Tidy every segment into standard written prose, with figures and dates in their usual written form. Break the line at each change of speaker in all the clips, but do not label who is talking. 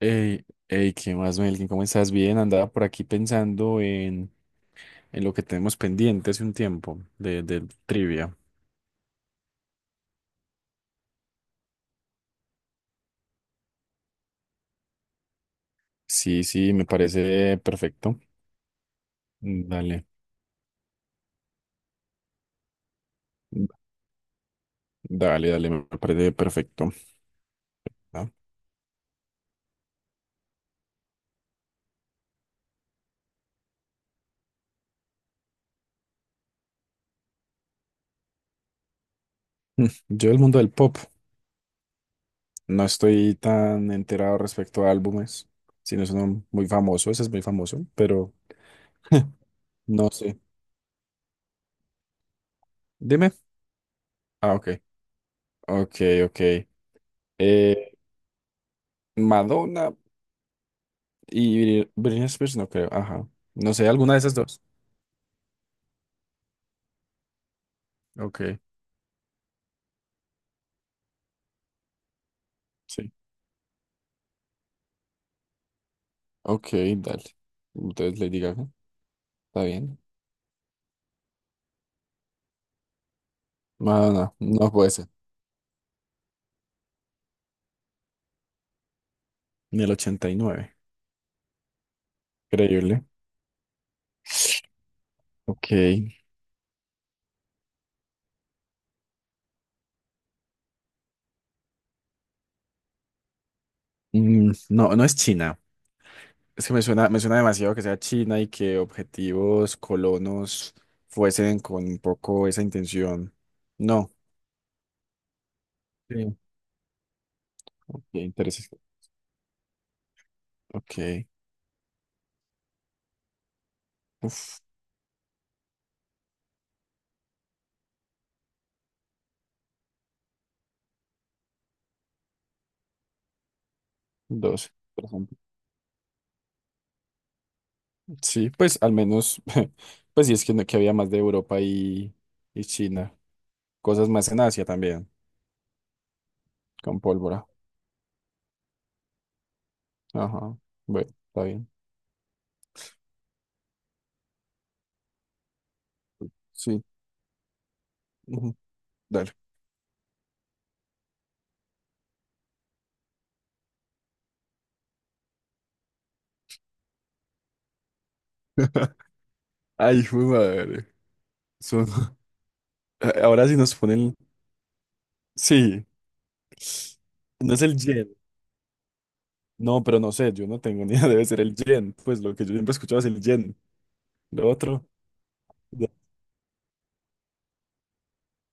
Hey, hey, ¿qué más, Melkin? ¿Cómo estás? Bien, andaba por aquí pensando en lo que tenemos pendiente hace un tiempo de trivia. Sí, sí, me parece perfecto. Mm, dale, dale, me parece perfecto. Ah, yo del mundo del pop no estoy tan enterado respecto a álbumes, sino es uno muy famoso, ese es muy famoso, pero no sé. Dime. Ah, ok, ok, ok. Eh, Madonna. Y Britney Spears, no creo. Ajá. No sé, alguna de esas dos. Ok. Sí. Ok, dale. Entonces le Gaga. Está bien. Madonna, no, no puede ser. Ni el 89. Increíble. Ok. Mm, no, no es China. Es que me suena demasiado que sea China y que objetivos colonos fuesen con un poco esa intención. No. Sí. Ok, interesante. Ok. Uf, dos. Sí, pues al menos, pues sí es que, que había más de Europa y China. Cosas más en Asia también, con pólvora. Ajá. Bueno, está bien. Sí. Ujú. Dale. Ay, hijo de madre. Son- ahora sí nos ponen. Sí, no es el yen. No, pero no sé, yo no tengo ni idea. Debe ser el yen. Pues lo que yo siempre escuchaba es el yen. Lo otro. Ya.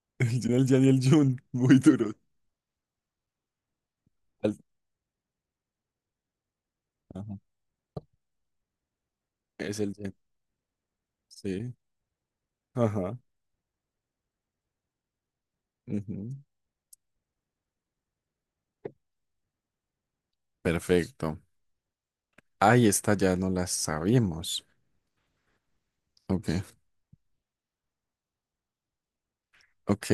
El yen y el yun. Muy duro. Al- Ajá. Es el yen. Sí. Ajá. Ujú. Perfecto. Ahí esta ya no la sabíamos. Ok, ok.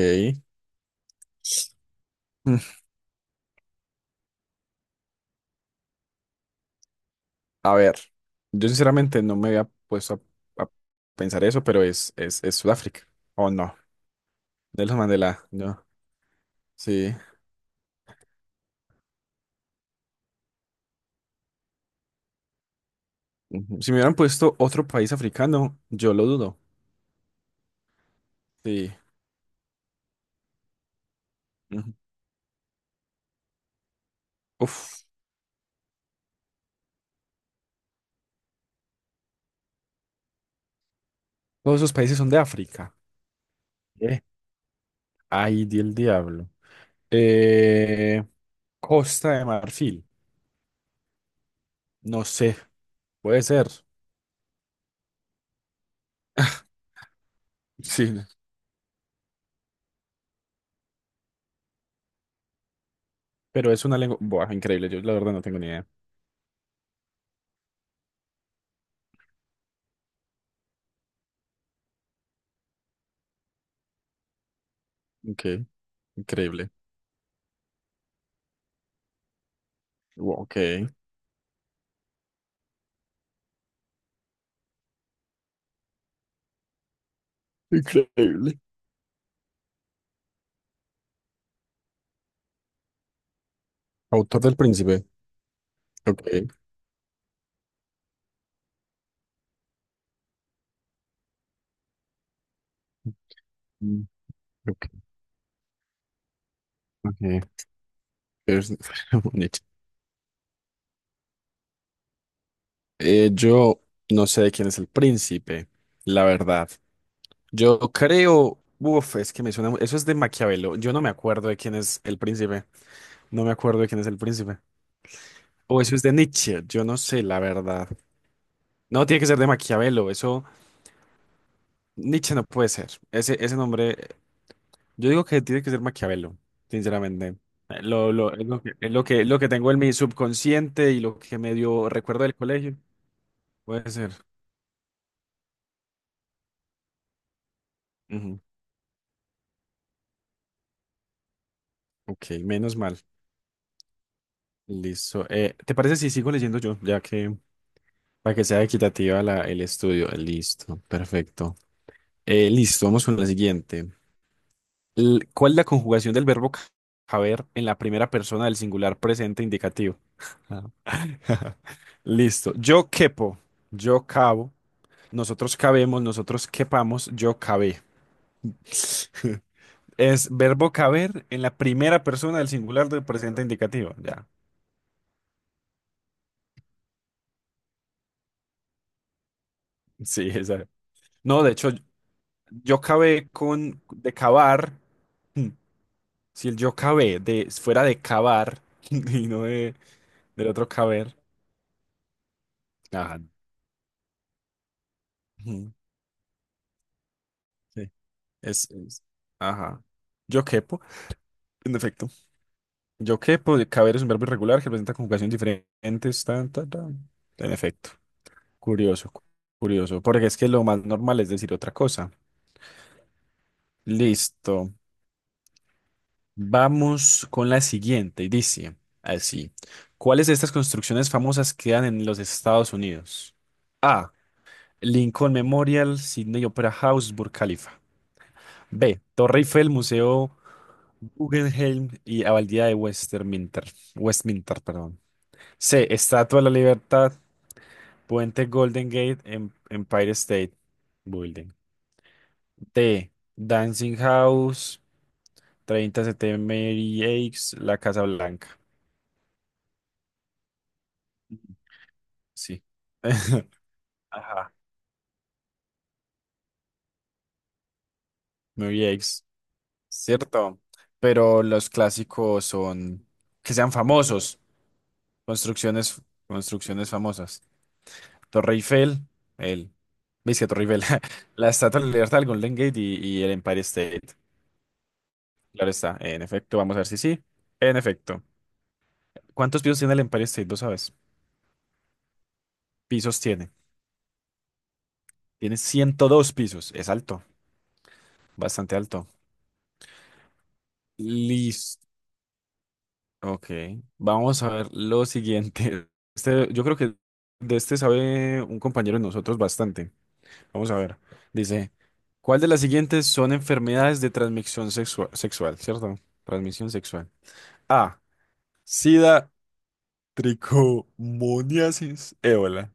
Mm, a ver, yo sinceramente no me había puesto a pensar eso, pero es, es Sudáfrica. ¿O no? Nelson Mandela, no. Sí. Ujú. Si me hubieran puesto otro país africano, yo lo dudo. Sí. Ujú. Uf, todos esos países son de África. Eh. Ay, di el diablo. Eh, Costa de Marfil. No sé, puede ser. Sí, pero es una lengua. Buah, increíble. Yo la verdad no tengo ni idea. Ok. Increíble. Wow, ok. Increíble. Autor del Príncipe. Ok. Mm, ok, ok. Es- Nietzsche. Yo no sé de quién es el príncipe, la verdad. Yo creo, uf, es que me suena, eso es de Maquiavelo. Yo no me acuerdo de quién es el príncipe. No me acuerdo de quién es el príncipe. O eso es de Nietzsche. Yo no sé, la verdad. No, tiene que ser de Maquiavelo. Eso, Nietzsche no puede ser. Ese nombre. Yo digo que tiene que ser Maquiavelo, sinceramente. Es lo que, lo que tengo en mi subconsciente y lo que medio recuerdo del colegio. Puede ser. Ujú. Ok, menos mal. Listo. ¿Te parece si sigo leyendo yo? Ya que, para que sea equitativa el estudio. Listo, perfecto. Listo, vamos con la siguiente. ¿Cuál es la conjugación del verbo caber en la primera persona del singular presente indicativo? Ah. Listo. Yo quepo, yo cabo. Nosotros cabemos, nosotros quepamos, yo cabé. Es verbo caber en la primera persona del singular del presente indicativo. Ya. Sí, esa. No, de hecho, yo cabé con de cavar. Hmm, si el yo cabé de fuera de cavar y no de del otro caber. Ajá. Ujú, sí. Es, es- ajá. Yo quepo. En efecto. Yo quepo, de caber es un verbo irregular que presenta conjugaciones diferentes. Tan, tan, tan. En efecto. Curioso, curioso, porque es que lo más normal es decir otra cosa. Listo. Vamos con la siguiente. Y dice así. ¿Cuáles de estas construcciones famosas quedan en los Estados Unidos? A. Lincoln Memorial, Sydney Opera House, Burj Khalifa. B. Torre Eiffel, Museo Guggenheim y Abadía de Westminster. Westminster, perdón. C. Estatua de la Libertad, Puente Golden Gate, Empire State Building. D. Dancing House, 30 Mary X, La Casa Blanca. Sí. Ajá. Mary X. Cierto. Pero los clásicos son que sean famosos. Construcciones, construcciones famosas. Torre Eiffel, el. ¿Veis que Torre Eiffel? La Estatua de la Libertad, el Golden Gate y el Empire State. Claro está. En efecto, vamos a ver si sí. En efecto. ¿Cuántos pisos tiene el Empire State? ¿Lo sabes? Pisos tiene. Tiene 102 pisos. Es alto. Bastante alto. Listo. Ok. Vamos a ver lo siguiente. Este, yo creo que de este sabe un compañero de nosotros bastante. Vamos a ver. Dice, ¿cuál de las siguientes son enfermedades de transmisión sexual? ¿Cierto? Transmisión sexual. A. SIDA, tricomoniasis, ébola,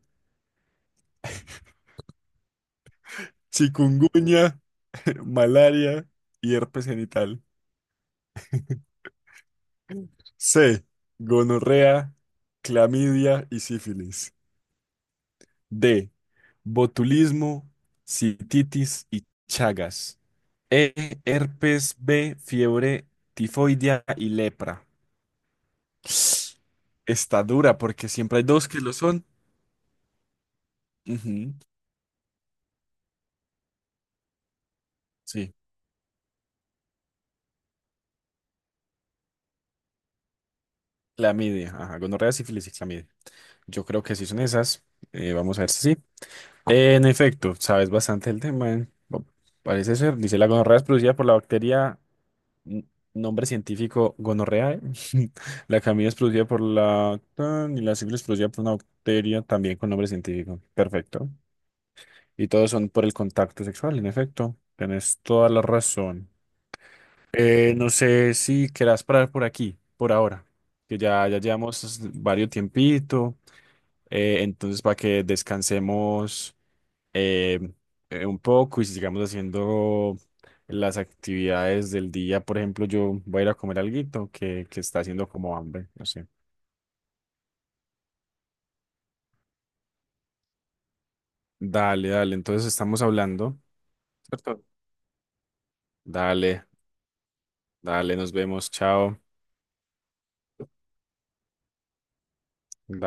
chikungunya, malaria y herpes genital. C. Gonorrea, clamidia y sífilis. D. Botulismo, cititis y chagas. E. Herpes B. Fiebre tifoidea y lepra. Está dura porque siempre hay dos que lo son. Ujú, sí, clamidia. Ajá, gonorrea, sífilis y clamidia. Yo creo que sí son esas. Vamos a ver si sí. En efecto, sabes bastante el tema. Eh. Parece ser. Dice, la gonorrea es producida por la bacteria N- nombre científico, gonorrea. La camilla es producida por la tan, y la sífilis es producida por una bacteria también con nombre científico. Perfecto. Y todos son por el contacto sexual, en efecto. Tienes toda la razón. No sé si querás parar por aquí, por ahora, que ya, ya llevamos varios tiempito. Eh, entonces, para que descansemos eh, un poco y si sigamos haciendo las actividades del día. Por ejemplo, yo voy a ir a comer alguito que está haciendo como hambre, no sé. Dale, dale, entonces estamos hablando, ¿cierto? Dale, dale, nos vemos, chao. Dale.